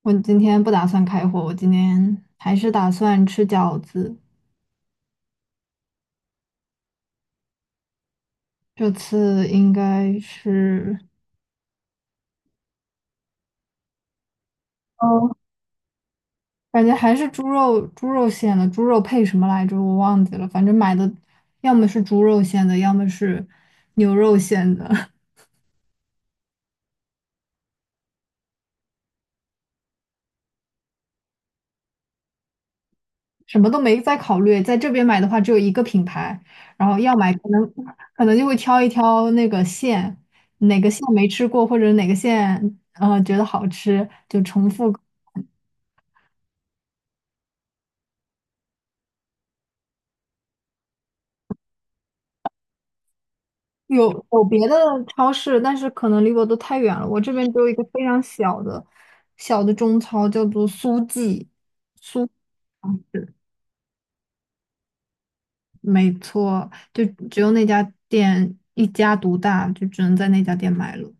我今天不打算开火，我今天还是打算吃饺子。这次应该是，哦，感觉还是猪肉，猪肉馅的，猪肉配什么来着？我忘记了，反正买的要么是猪肉馅的，要么是牛肉馅的，什么都没再考虑。在这边买的话，只有一个品牌，然后要买可能就会挑一挑那个馅，哪个馅没吃过，或者哪个馅觉得好吃，就重复。有别的超市，但是可能离我都太远了。我这边只有一个非常小的小的中超，叫做苏记，苏，没错，就只有那家店一家独大，就只能在那家店买了。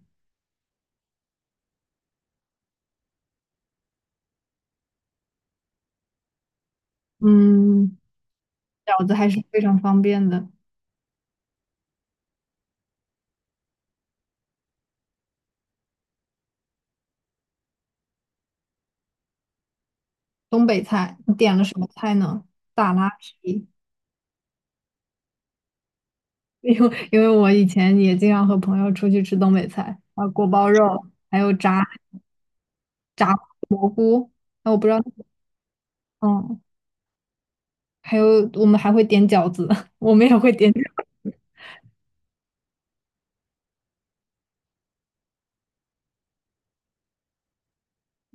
嗯，饺子还是非常方便的。东北菜，你点了什么菜呢？大拉皮，因为我以前也经常和朋友出去吃东北菜，啊，锅包肉，还有炸炸，啊，我不知道，嗯。还有我们还会点饺子，我们也会点饺子。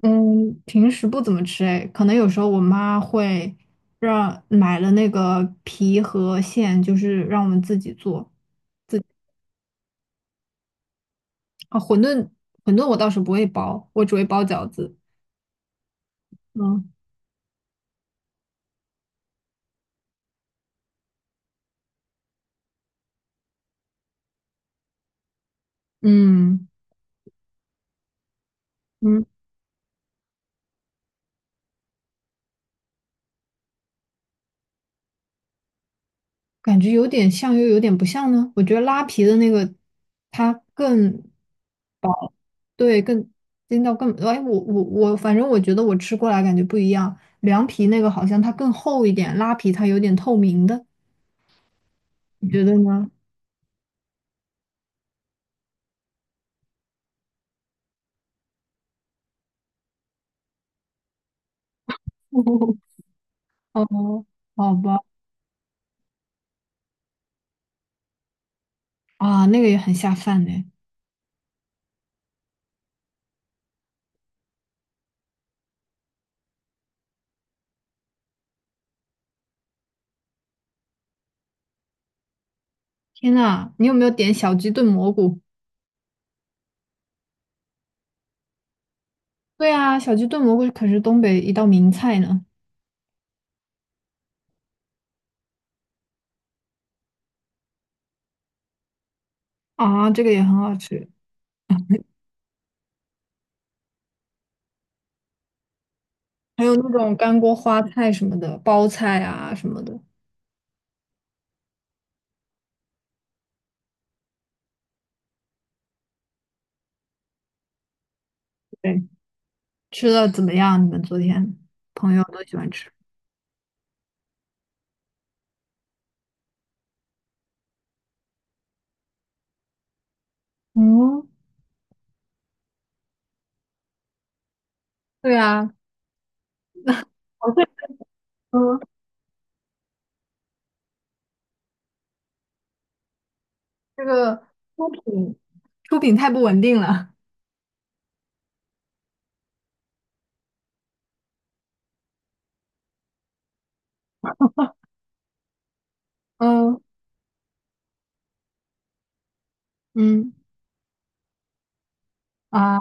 嗯，平时不怎么吃哎，可能有时候我妈会让买了那个皮和馅，就是让我们自己做。啊，馄饨，馄饨我倒是不会包，我只会包饺子。嗯。嗯。嗯。感觉有点像又有点不像呢。我觉得拉皮的那个它更薄，对，更筋道更，哎，我，反正我觉得我吃过来感觉不一样。凉皮那个好像它更厚一点，拉皮它有点透明的，你觉得呢？哦，好吧，啊，那个也很下饭呢。天呐，你有没有点小鸡炖蘑菇？对啊，小鸡炖蘑菇可是东北一道名菜呢。啊，这个也很好吃。还有那种干锅花菜什么的，包菜啊什么的。对，吃的怎么样？你们昨天朋友都喜欢吃？嗯，对啊，我会说这个出品，出品太不稳定了。嗯。嗯。啊，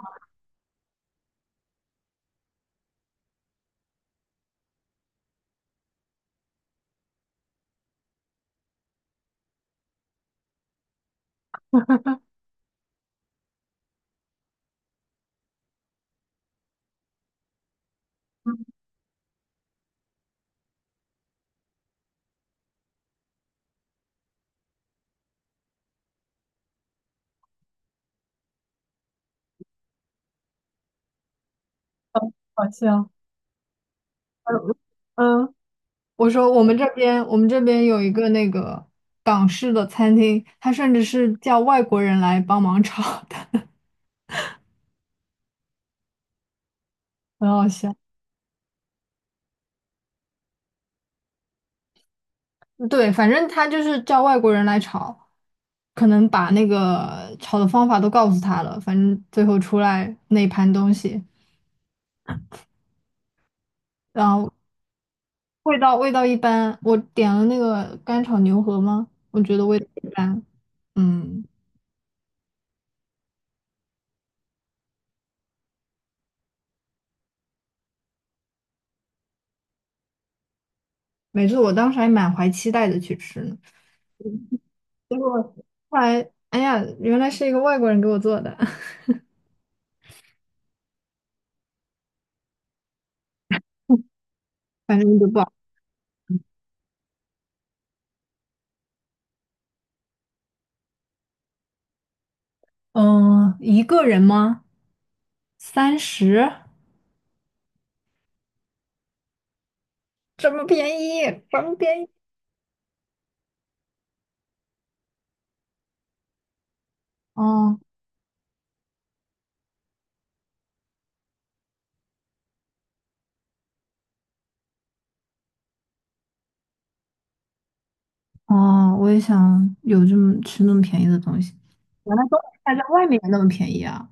好笑。嗯。嗯，我们这边有一个那个港式的餐厅，它甚至是叫外国人来帮忙炒的，很好笑。对，反正他就是叫外国人来炒，可能把那个炒的方法都告诉他了，反正最后出来那一盘东西，然后味道一般。我点了那个干炒牛河吗？我觉得味道一般。嗯，没错，我当时还满怀期待的去吃呢，结果后来，哎呀，原来是一个外国人给我做的，反正就不好。嗯，一个人吗？三十，这么便宜，这么便宜。哦，哦，我也想有这么吃那么便宜的东西。原来东北菜在外面也那么便宜啊！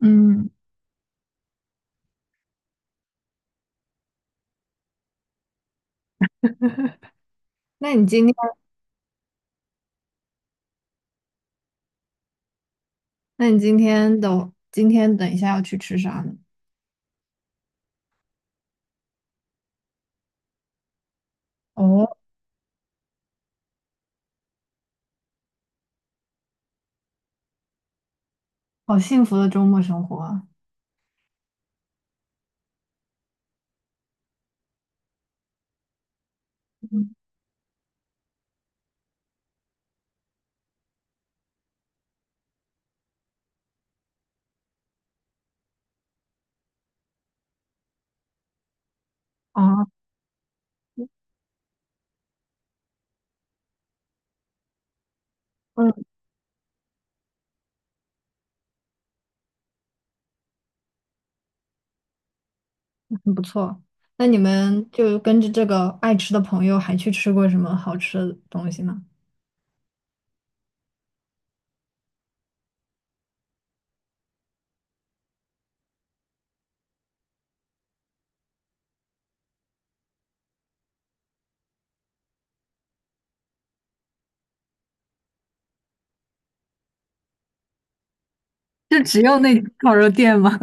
嗯，那你今天，那你今天的，今天等一下要去吃啥呢？哦，好幸福的周末生活啊！嗯，啊。嗯，很不错。那你们就跟着这个爱吃的朋友，还去吃过什么好吃的东西吗？就只有那烤肉店吗？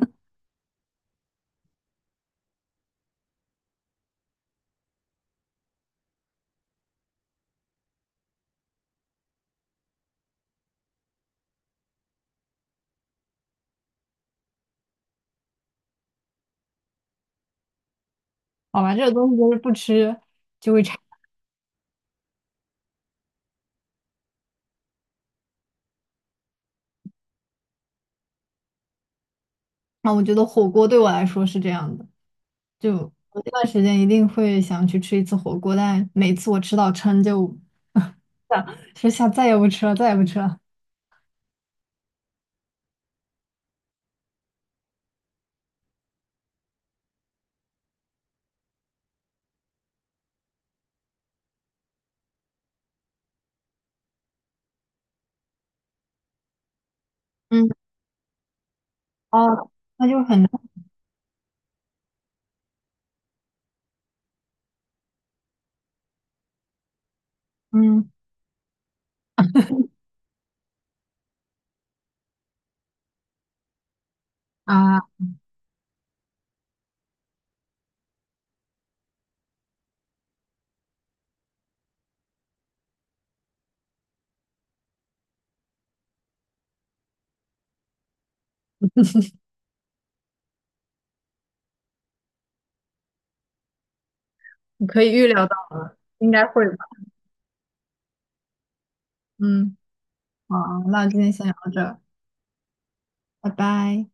好吧，这个东西就是不吃就会馋。那我觉得火锅对我来说是这样的。就我这段时间一定会想去吃一次火锅，但每次我吃到撑就想说下再也不吃了，再也不吃了。嗯，哦，那就很嗯。啊，你可以预料到了，应该会吧？嗯。好，那今天先聊到这儿，拜拜。